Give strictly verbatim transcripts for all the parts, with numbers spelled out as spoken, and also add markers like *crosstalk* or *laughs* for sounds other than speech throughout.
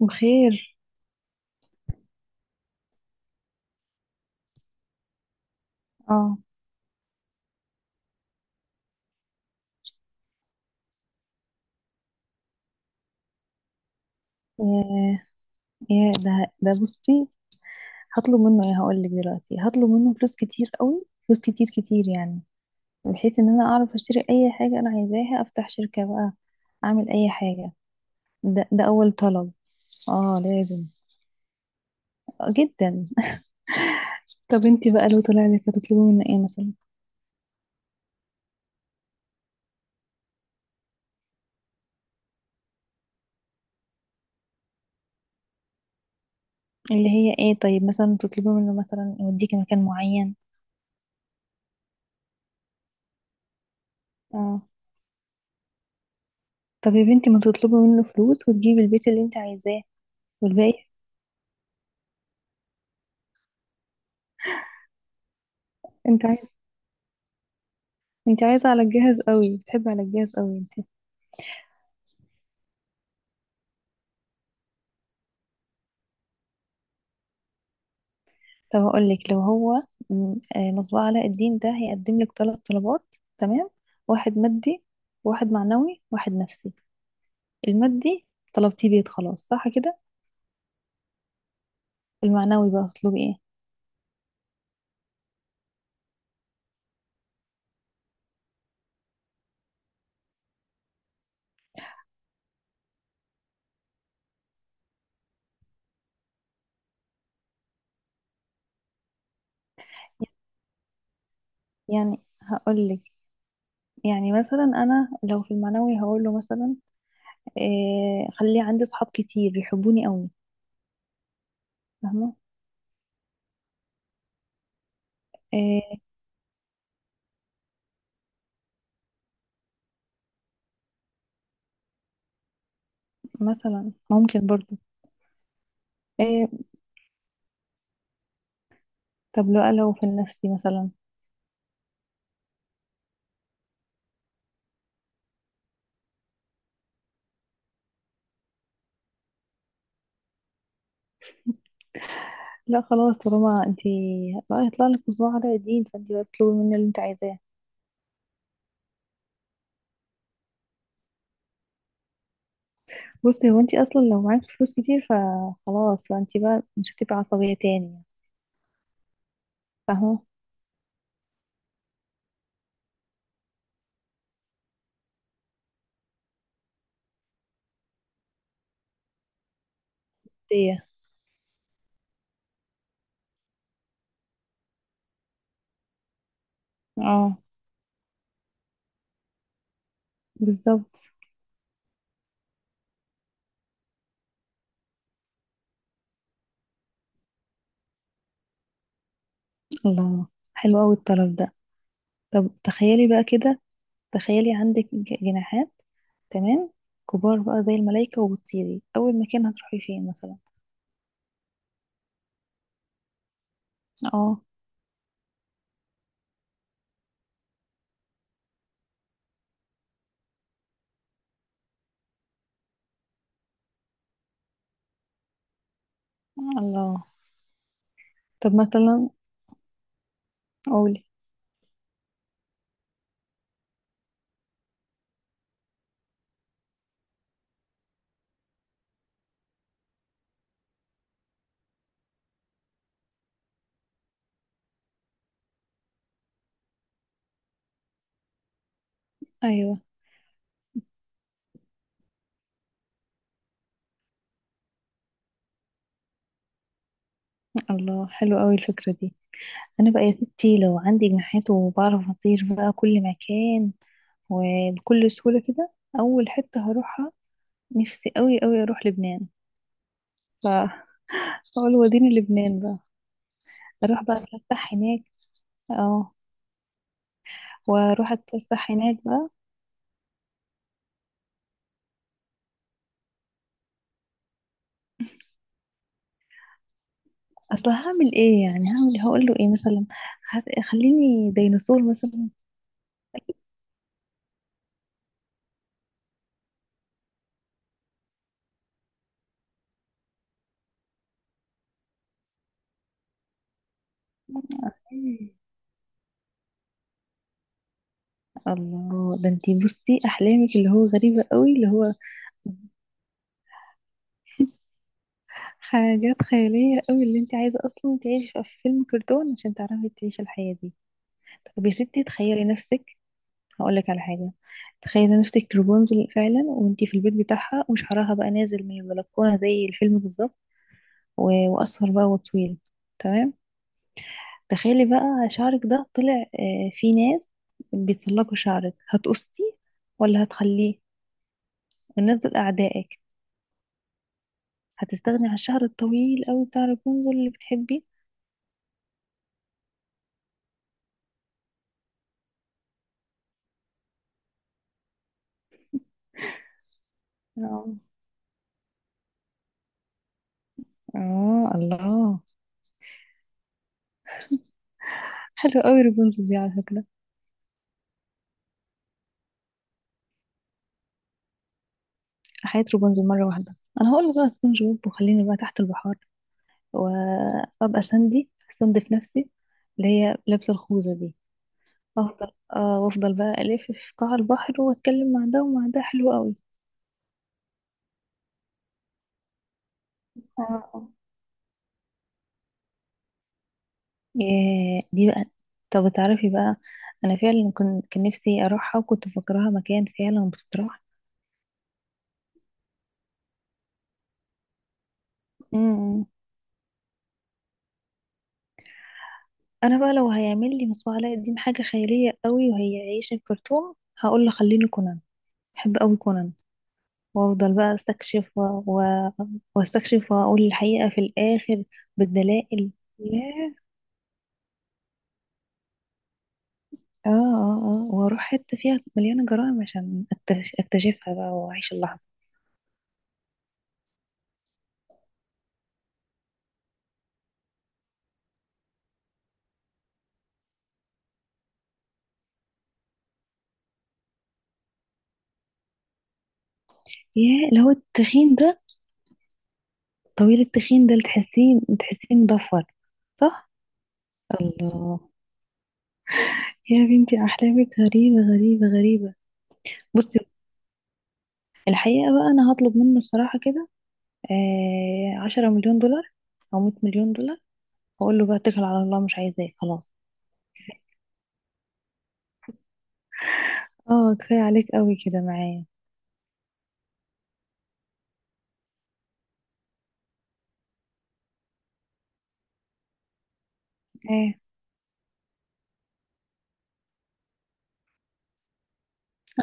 بخير. اه. ياه ياه ده ده بصي، هطلب منه ايه؟ هقول لك دلوقتي، هطلب منه فلوس كتير قوي، فلوس كتير كتير يعني، بحيث ان انا اعرف اشتري اي حاجه انا عايزاها، افتح شركه بقى، اعمل اي حاجه. ده ده اول طلب. اه لازم، آه، جدا. طب انتي بقى لو طلع لك هتطلبي منه ايه مثلا؟ اللي هي ايه؟ طيب مثلا تطلبي منه مثلا يوديكي مكان معين. اه. طب يا بنتي ما تطلبي منه فلوس وتجيبي البيت اللي انت عايزاه والباقي؟ انت انت عايزة على الجهاز قوي، بتحبي على الجهاز قوي انت. طب هقول لك، لو هو م- آه، مصباح علاء الدين ده هيقدم لك ثلاث طلبات. تمام؟ واحد مادي، واحد معنوي، واحد نفسي. المادي طلبتيه بيت خلاص، صح كده؟ المعنوي بقى هتطلبي ايه؟ يعني هقول لك، يعني مثلا انا لو في المعنوي هقول له مثلا إيه، خلي عندي صحاب كتير يحبوني قوي. فاهمه؟ إيه مثلا، ممكن برضو. إيه، طب لو لو في النفسي مثلا؟ لا خلاص، طالما انتي بقى هيطلع لك مصباح علاء الدين فانتي بقى تطلبي منه اللي انت عايزاه. بصي، هو انتي اصلا لو معاكي فلوس كتير فخلاص، فانتي بقى مش هتبقي عصبية تاني يعني. فاهمة؟ ايه؟ اه بالظبط. الله، حلو اوي الطلب ده. طب تخيلي بقى كده، تخيلي عندك ج- جناحات، تمام، كبار بقى زي الملايكة، وبتطيري. اول مكان هتروحي فين مثلا؟ اه. الله. طب مثلا، قولي. ايوه. الله، حلو اوي الفكرة دي. انا بقى يا ستي لو عندي جناحات وبعرف اطير بقى كل مكان، وبكل سهولة كده، اول حتة هروحها، نفسي قوي قوي اروح لبنان. فاقول وديني لبنان بقى، اروح بقى اتفسح هناك. اه، واروح اتفسح هناك بقى. اصل هعمل ايه يعني؟ هعمل إيه؟ هقول له ايه مثلا؟ هت- خليني ديناصور مثلا؟ الله، ده انتي بصي احلامك اللي هو غريبة قوي اللي هو حاجات خيالية قوي. اللي انت عايزة اصلا تعيشي في فيلم كرتون عشان تعرفي تعيشي الحياة دي. طب يا ستي تخيلي نفسك، هقولك على حاجة. تخيلي نفسك رابونزل فعلا، وانت في البيت بتاعها وشعرها بقى نازل من البلكونة زي الفيلم بالظبط، و- واصفر بقى وطويل، تمام. تخيلي بقى شعرك ده طلع، آه، في ناس بيتسلقوا شعرك، هتقصيه ولا هتخليه؟ والناس دول اعدائك. هتستغني عن الشعر الطويل قوي بتاع رابونزل اللي بتحبيه؟ اه. آه الله، حلو قوي رابنزل دي على فكرة. حياة رابنزل مرة واحدة. أنا هقول بقى سبونج بوب وخليني بقى تحت البحار، وأبقى ساندي أستنزف نفسي، اللي هي لابسة الخوذة دي. أفضل آه وأفضل بقى ألف في قاع البحر وأتكلم مع ده ومع ده. حلو قوي. اه. ياه، دي بقى. طب تعرفي بقى، أنا فعلا كنت كان نفسي أروحها وكنت مفكراها مكان فعلا بتتراح. امم أنا بقى لو هيعمل لي مصباح علاء الدين حاجة خيالية قوي وهي عايشة في كرتون، هقول له خليني كونان. بحب قوي كونان. وافضل بقى استكشف و... و... واستكشف واقول الحقيقة في الاخر بالدلائل. ياه. اه اه اه، واروح حتة فيها مليانة جرائم عشان أكتش... اكتشفها بقى واعيش اللحظة. ياه، اللي هو التخين ده، طويل التخين ده، اللي تحسيه تحسيه مضفر. صح. الله، يا بنتي احلامك غريبة غريبة غريبة. بصي، الحقيقة بقى انا هطلب منه الصراحة كده، آه عشرة مليون دولار او مية مليون دولار، واقول له بقى اتكل على الله، مش عايزاه خلاص. اه كفاية عليك قوي كده معايا. ايه؟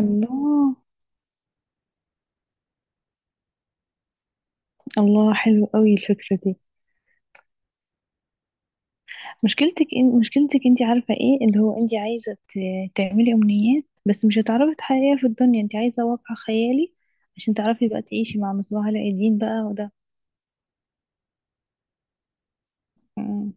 الله. الله، حلو قوي الفكرة دي. مشكلتك إن... مشكلتك انت عارفة ايه اللي هو انت عايزة ت... تعملي امنيات بس مش هتعرفي تحققيها في الدنيا. انت عايزة واقع خيالي عشان تعرفي بقى تعيشي مع مصباح علاء الدين بقى وده. مم.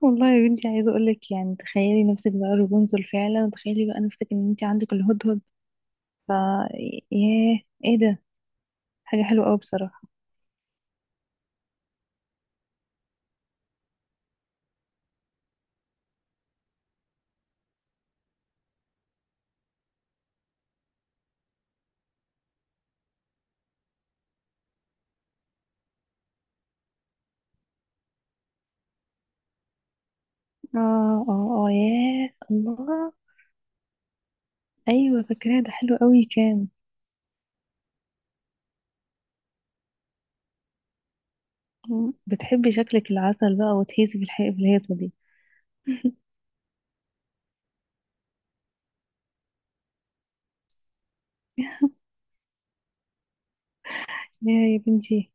والله يا بنتي، عايزة اقولك يعني تخيلي نفسك بقى رابنزل فعلا، وتخيلي بقى نفسك ان انت عندك الهدهد. ف، ياه، ايه ده؟ حاجة حلوة قوي بصراحة. اه اه اه، ياه الله. ايوه فاكراه، ده حلو قوي كان. مم. بتحبي شكلك العسل بقى وتهيسي في الحقيقة في الهيصة دي. *laughs* يا يا بنتي،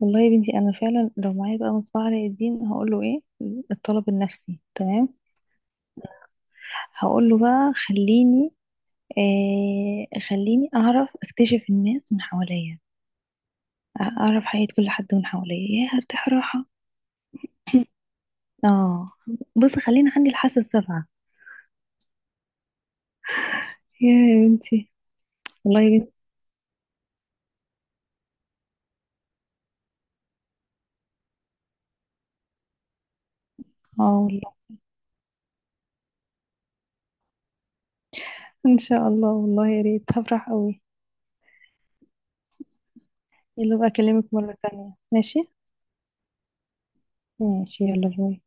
والله يا بنتي انا فعلا لو معايا بقى مصباح علاء الدين هقول له ايه. الطلب النفسي، تمام، هقول له بقى خليني، آه خليني اعرف اكتشف الناس من حواليا، اعرف حياة كل حد من حواليا يا هرتاح راحة. *laughs* *clears throat* اه، بصي خلينا عندي الحاسة السابعة. يا يا بنتي، والله يا بنتي. اه والله، ان شاء الله، والله يا ريت، هفرح قوي. يلا بقى أكلمك مرة تانية، ماشي؟ ماشي، يلا باي.